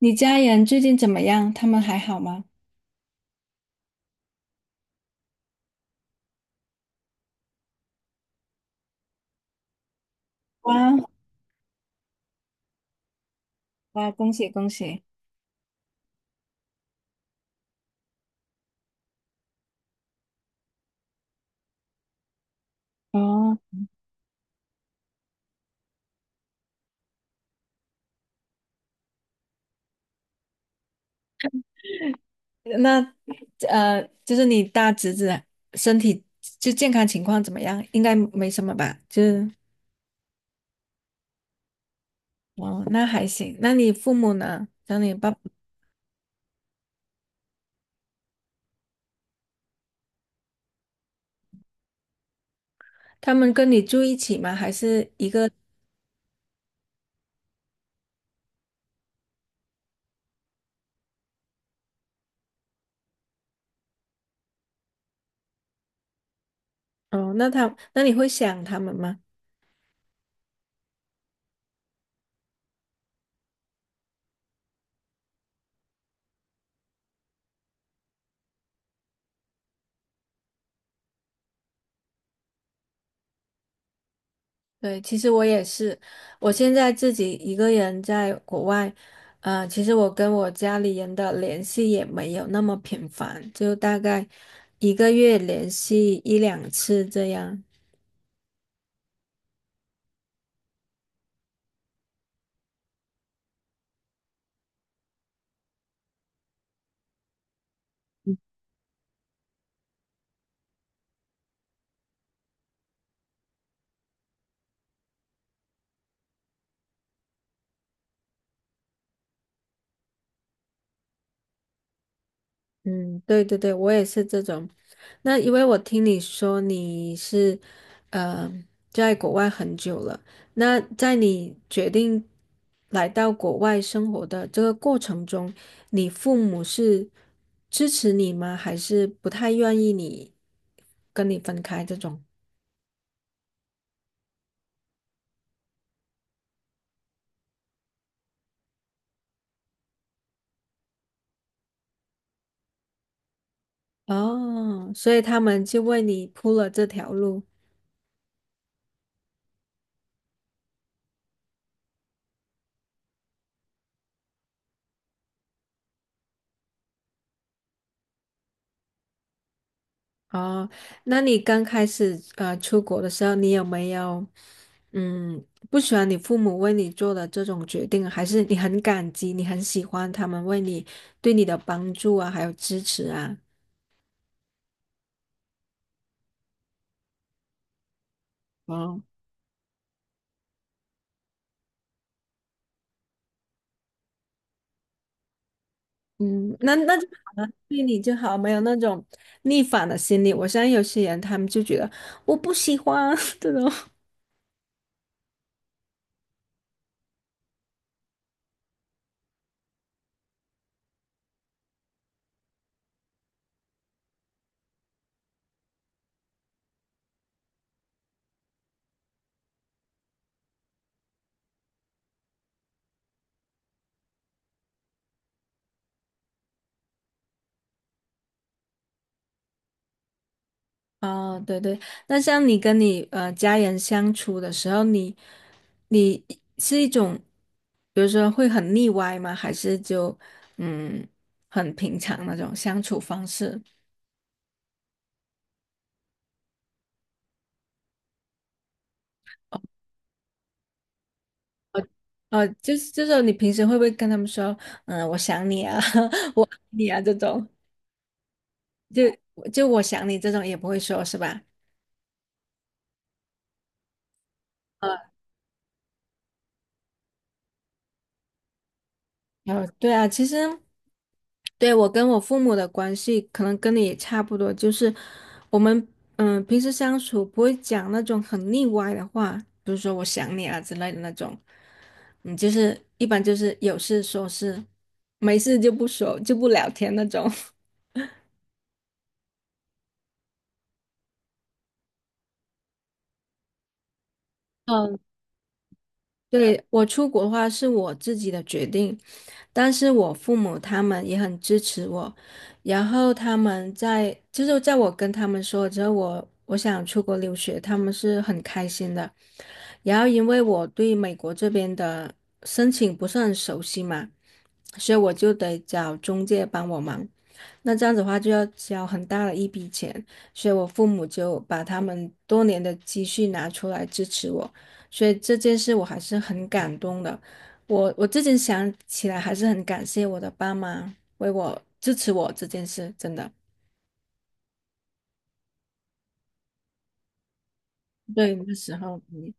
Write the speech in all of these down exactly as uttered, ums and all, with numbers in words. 你家人最近怎么样？他们还好吗？哇哇，恭喜恭喜！哦，那呃，就是你大侄子身体就健康情况怎么样？应该没什么吧？就是哦，那还行。那你父母呢？像你爸，他们跟你住一起吗？还是一个？哦，那他，那你会想他们吗？对，其实我也是，我现在自己一个人在国外。呃，其实我跟我家里人的联系也没有那么频繁，就大概一个月联系一两次这样。嗯，对对对，我也是这种。那因为我听你说你是，呃，在国外很久了，那在你决定来到国外生活的这个过程中，你父母是支持你吗？还是不太愿意你跟你分开这种？哦，所以他们就为你铺了这条路。哦，那你刚开始呃出国的时候，你有没有嗯不喜欢你父母为你做的这种决定，还是你很感激，你很喜欢他们为你对你的帮助啊，还有支持啊？哦，嗯，那那就好了，对你就好，没有那种逆反的心理。我相信有些人他们就觉得我不喜欢 这种。哦，对对，那像你跟你呃家人相处的时候，你你是一种，比如说会很腻歪吗？还是就嗯很平常那种相处方式？哦哦，就是就是你平时会不会跟他们说，嗯，我想你啊，我爱你啊这种，就就我想你这种也不会说是吧？呃，对啊，其实对我跟我父母的关系，可能跟你也差不多，就是我们嗯平时相处不会讲那种很腻歪的话，比如说我想你啊之类的那种。嗯，就是一般就是有事说事，没事就不说就不聊天那种。嗯，对，我出国的话是我自己的决定，但是我父母他们也很支持我，然后他们在就是在我跟他们说之后，我我想出国留学，他们是很开心的。然后因为我对美国这边的申请不是很熟悉嘛，所以我就得找中介帮我忙。那这样子的话就要交很大的一笔钱，所以我父母就把他们多年的积蓄拿出来支持我，所以这件事我还是很感动的。我我最近想起来还是很感谢我的爸妈为我支持我这件事，真的。对，那时候，嗯，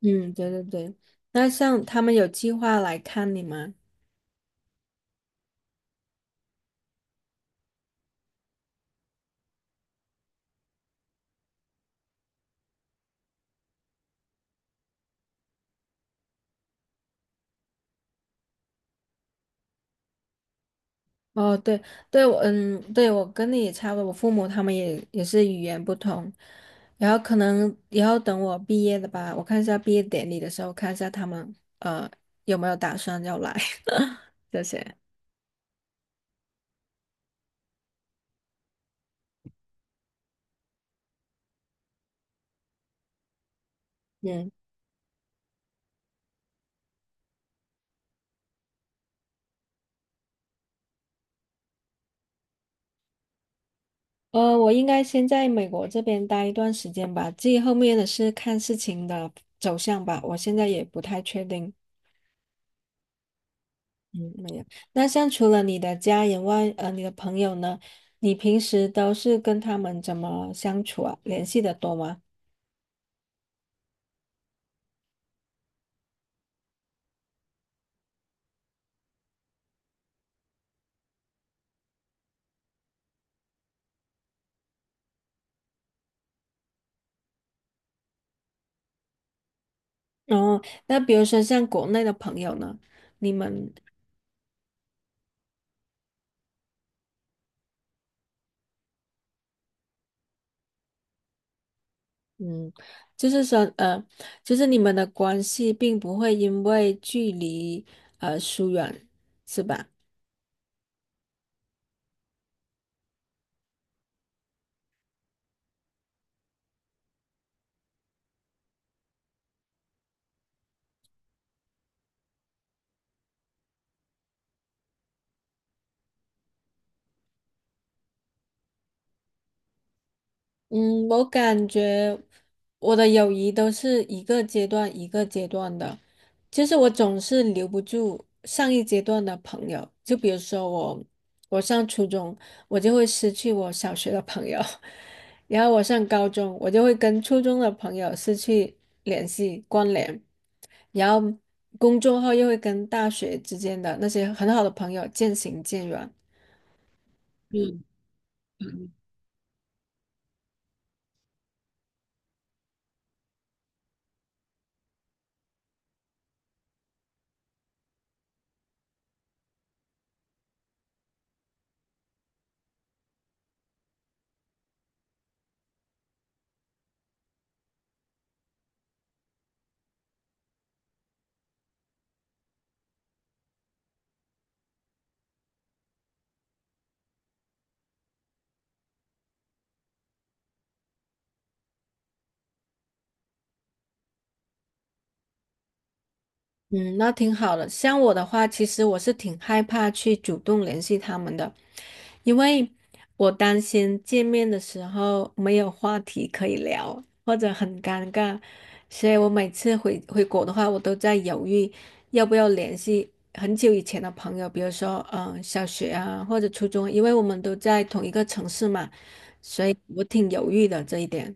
嗯对对对。那像他们有计划来看你吗？哦，对对，我嗯，对我跟你也差不多，我父母他们也也是语言不通，然后可能以后等我毕业了吧，我看一下毕业典礼的时候，看一下他们呃有没有打算要来 这些。嗯，呃，我应该先在美国这边待一段时间吧，至于后面的是看事情的走向吧，我现在也不太确定。嗯，没有。那像除了你的家人外，呃，你的朋友呢？你平时都是跟他们怎么相处啊？联系的多吗？哦，那比如说像国内的朋友呢，你们，嗯，就是说，呃，就是你们的关系并不会因为距离而疏远，是吧？嗯，我感觉我的友谊都是一个阶段一个阶段的，就是我总是留不住上一阶段的朋友。就比如说我，我上初中，我就会失去我小学的朋友，然后我上高中，我就会跟初中的朋友失去联系关联，然后工作后又会跟大学之间的那些很好的朋友渐行渐远。嗯，那挺好的。像我的话，其实我是挺害怕去主动联系他们的，因为我担心见面的时候没有话题可以聊，或者很尴尬，所以我每次回回国的话，我都在犹豫要不要联系很久以前的朋友，比如说嗯、呃小学啊或者初中，因为我们都在同一个城市嘛，所以我挺犹豫的这一点。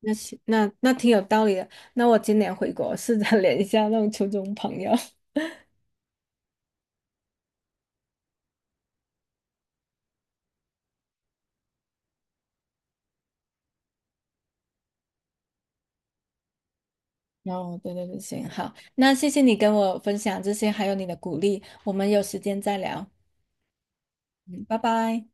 那行，那那挺有道理的。那我今年回国试着 联系一下那种初中朋友。哦，后，对对对，行，好，那谢谢你跟我分享这些，还有你的鼓励。我们有时间再聊。嗯，拜拜。